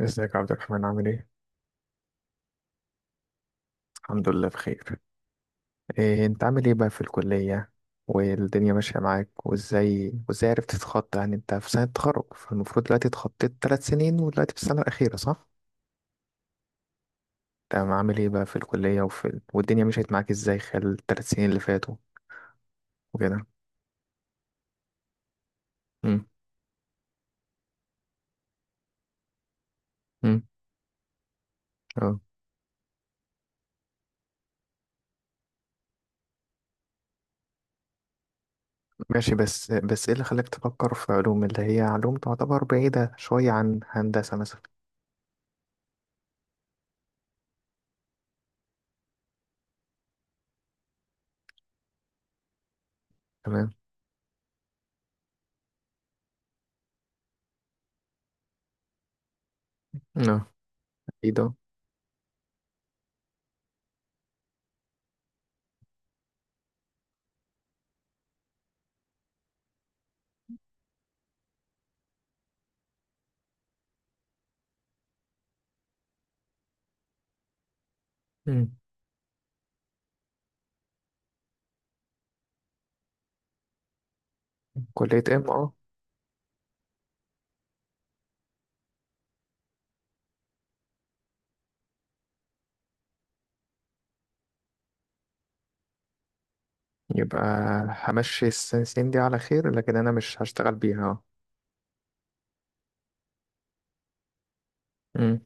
ازيك يا عبد الرحمن عامل ايه؟ الحمد لله بخير. إيه انت عامل ايه بقى في الكلية والدنيا ماشية معاك وازاي، وازاي عرفت تتخطى، يعني انت في سنة تخرج فالمفروض دلوقتي اتخطيت ثلاث سنين ودلوقتي في السنة الأخيرة صح؟ تمام عامل ايه بقى في الكلية وفي والدنيا مشيت معاك ازاي خلال الثلاث سنين اللي فاتوا. وكده. امم. امم. اه. ماشي بس ايه اللي خلاك تفكر في علوم، اللي هي علوم تعتبر بعيدة شوية عن هندسة مثلا. تمام. اه. ايه ده؟ مم. كلية. ام اه يبقى همشي السنسين دي على خير، لكن انا مش هشتغل بيها. امم.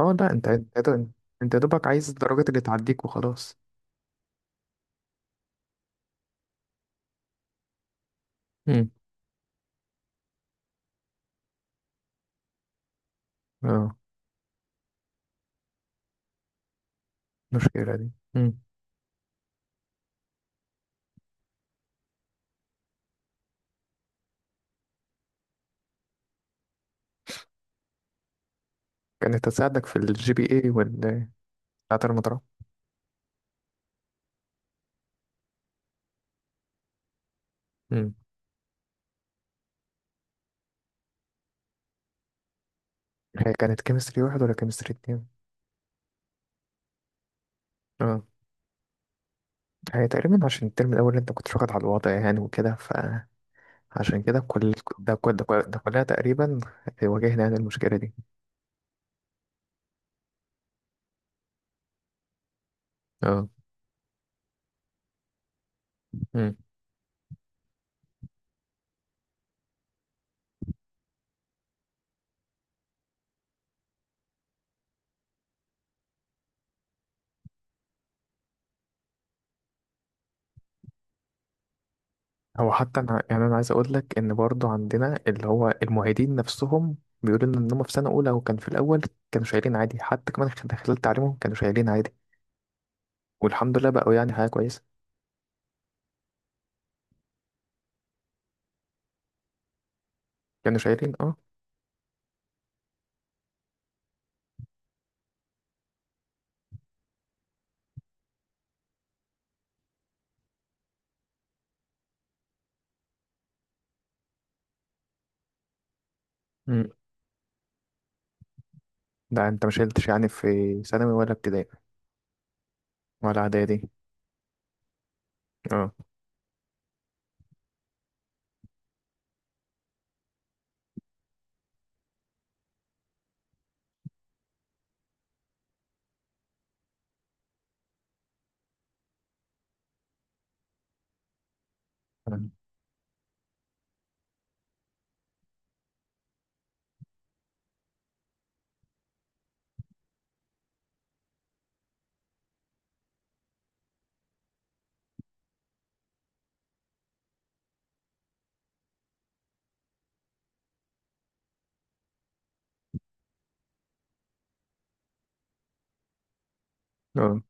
اه. لا، انت يا دوبك عايز الدرجات اللي تعديك وخلاص. امم. اه. المشكلة دي. امم. كانت هتساعدك في الجي بي اي بتاعت المطرح. امم. هي كانت كيمستري واحد ولا كيمستري اتنين؟ اه. هي تقريبا عشان الترم الاول انت كنت واخد على الوضع يعني وكده، فعشان كده كل ده كل ده كلها تقريبا واجهنا يعني المشكلة دي. اه. هو حتى انا يعني انا عايز اقول لك ان برضو عندنا اللي هو المعيدين نفسهم بيقولوا لنا ان هم في سنه اولى، وكان في الاول كانوا شايلين عادي حتى كمان خلال تعليمهم كانوا شايلين عادي. والحمد لله بقوا يعني حاجه كويسه. كانوا شايلين اه. امم ده انت ما شلتش يعني في ثانوي ولا ابتدائي؟ ولا اعدادي. اه. اه.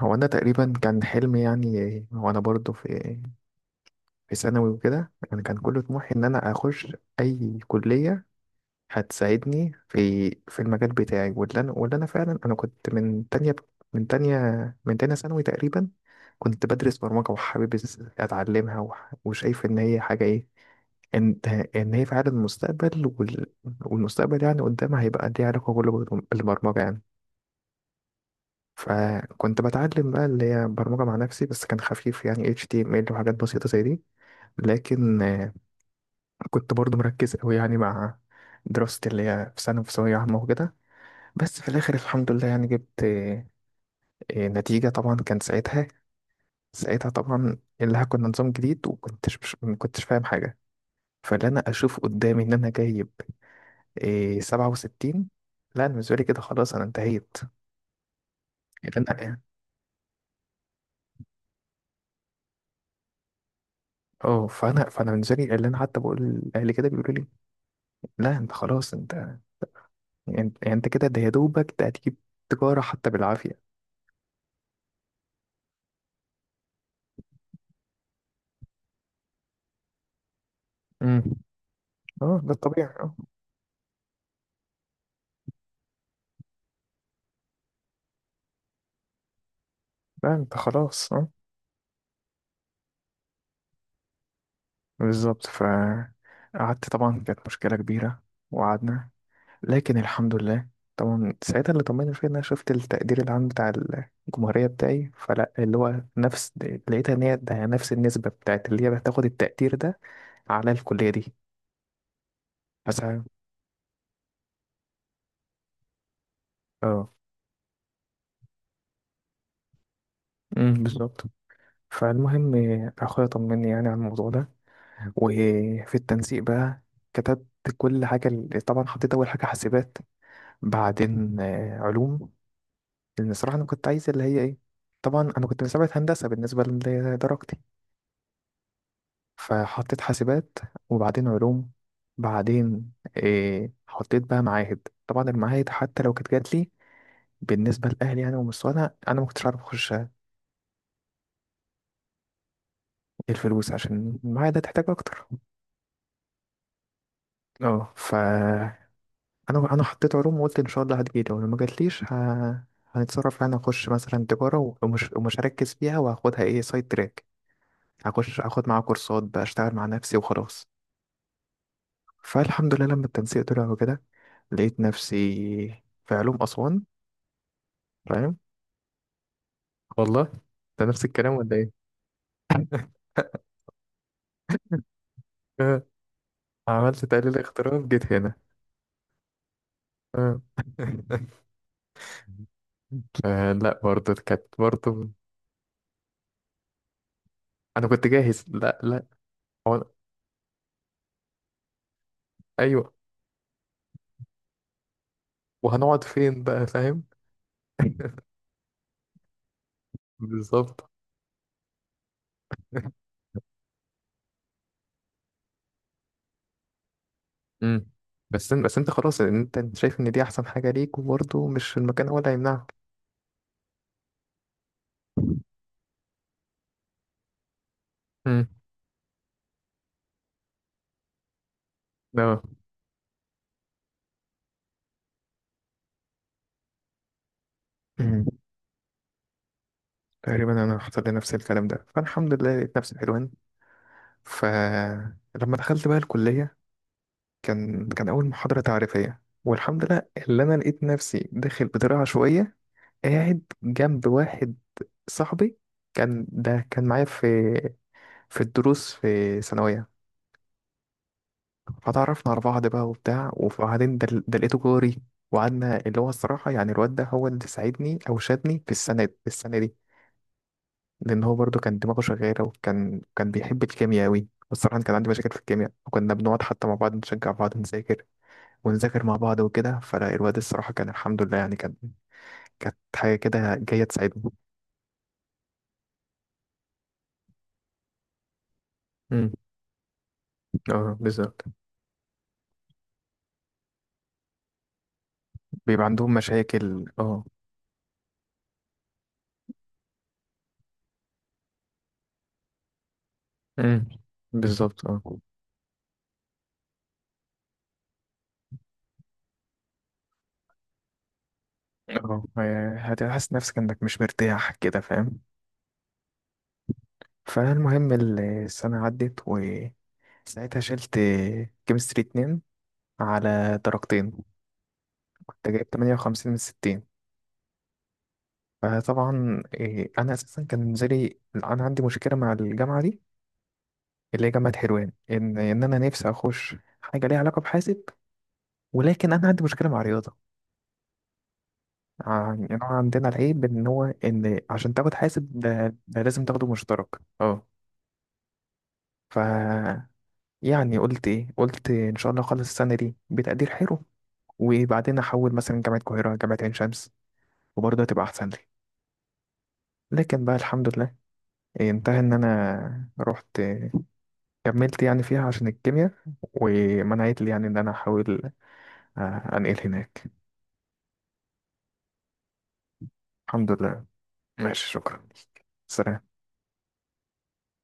هو انا تقريبا كان حلمي يعني، هو انا برضو في ثانوي وكده، انا كان كل طموحي ان انا اخش اي كليه هتساعدني في المجال بتاعي، واللي انا فعلا انا كنت من تانية من تانية ثانوي تقريبا. كنت بدرس برمجة وحابب اتعلمها، وشايف ان هي حاجة ايه، ان ان هي فعلا المستقبل والمستقبل يعني قدامها هيبقى ليه علاقة كله بالبرمجة يعني. فكنت بتعلم بقى اللي هي برمجة مع نفسي، بس كان خفيف يعني HTML وحاجات بسيطة زي دي. لكن كنت برضو مركز قوي يعني مع دراستي اللي هي في سنة في ثانوية عامة وكده. بس في الاخر الحمد لله يعني جبت نتيجة. طبعا كان ساعتها، ساعتها طبعا اللي كنا نظام جديد وكنتش مش ما كنتش فاهم حاجة. فاللي انا اشوف قدامي ان انا جايب 67. لا، انا بالنسبة لي كده خلاص انا انتهيت. اللي انا اه، فانا بالنسبة لي اللي انا حتى بقول لاهلي كده بيقولوا لي لا انت خلاص انت، انت كده، ده يا دوبك ده هتجيب تجارة حتى بالعافية. امم. اه، ده الطبيعي اه. لا، انت خلاص اه. بالظبط. فقعدت طبعا كانت مشكلة كبيرة وقعدنا، لكن الحمد لله طبعا ساعتها اللي طمني فيه ان انا شفت التقدير العام بتاع الجمهورية بتاعي، فلا اللي هو نفس، لقيتها ان هي ده نفس النسبة بتاعت اللي هي بتاخد التقدير ده على الكلية دي. فساعة اه. بالظبط. فالمهم اخويا طمني يعني على الموضوع ده، وفي التنسيق بقى كتبت كل حاجة طبعا حطيت أول حاجة حاسبات، بعدين علوم، لان الصراحه انا كنت عايز اللي هي ايه، طبعا انا كنت مسابقة هندسه بالنسبه لدرجتي. فحطيت حاسبات وبعدين علوم، بعدين إيه حطيت بقى معاهد، طبعا المعاهد حتى لو كانت جات لي بالنسبه لاهلي يعني ومستوانا انا ما كنتش عارف اخش الفلوس، عشان المعاهد هتحتاج اكتر. اه، فانا أنا حطيت علوم وقلت ان شاء الله هتجيلي، ولو ما جاتليش هنتصرف يعني اخش مثلا تجاره ومش هركز فيها، وهاخدها ايه سايد تراك، هخش اخد معاها كورسات بقى، اشتغل مع نفسي وخلاص. فالحمد لله لما التنسيق طلع وكده لقيت نفسي في علوم أسوان فاهم. والله ده نفس الكلام ولا إيه؟ آه. عملت تقليل اغتراب جيت هنا. آه. آه، لا برضه كانت برضه. أنا كنت جاهز لا، لا. هو أنا- أيوه، وهنقعد فين بقى فاهم. بالظبط. مم. بس أنت خلاص، أنت شايف إن دي أحسن حاجة ليك وبرضه مش المكان هو اللي هيمنعك. مم. اه. مم. تقريبا انا حصل لي نفس الكلام ده، فالحمد لله لقيت نفسي حلوان. فلما دخلت بقى الكليه كان اول محاضره تعريفيه، والحمد لله اللي انا لقيت نفسي داخل بطريقه عشوائيه قاعد جنب واحد صاحبي، كان ده كان معايا في الدروس في ثانويه. فتعرفنا على بعض بقى وبتاع، وبعدين ده لقيته جاري. وقعدنا، اللي هو الصراحه يعني الواد ده هو اللي ساعدني او شادني في السنه دي لان هو برضو كان دماغه شغاله، وكان بيحب الكيمياء قوي، والصراحه أنا كان عندي مشاكل في الكيمياء، وكنا بنقعد حتى مع بعض نشجع بعض نذاكر، ونذاكر مع بعض وكده، فالواد الصراحه كان الحمد لله يعني كانت حاجه كده جايه تساعدهم. امم. اه بالظبط. بيبقى عندهم مشاكل اه. امم. بالظبط اه. اه. هتحس نفسك انك مش مرتاح كده فاهم. فالمهم السنه عدت، وساعتها شلت كيمستري اتنين على درجتين، كنت جايب 58 من 60. فطبعا انا اساسا كان نزلي، انا عندي مشكله مع الجامعه دي اللي هي جامعه حلوان، ان انا نفسي اخش حاجه ليها علاقه بحاسب، ولكن انا عندي مشكله مع الرياضه. يعني أنا عندنا العيب ان هو ان عشان تاخد حاسب ده لازم تاخده مشترك. اه. ف يعني قلت ايه، قلت ان شاء الله اخلص السنه دي بتقدير حلو، وبعدين احول مثلا جامعه القاهره، جامعه عين شمس، وبرضه هتبقى احسن لي. لكن بقى الحمد لله انتهى ان انا رحت كملت يعني فيها عشان الكيمياء، ومنعت لي يعني ان انا احاول انقل هناك. الحمد لله. ماشي، شكرا. سلام.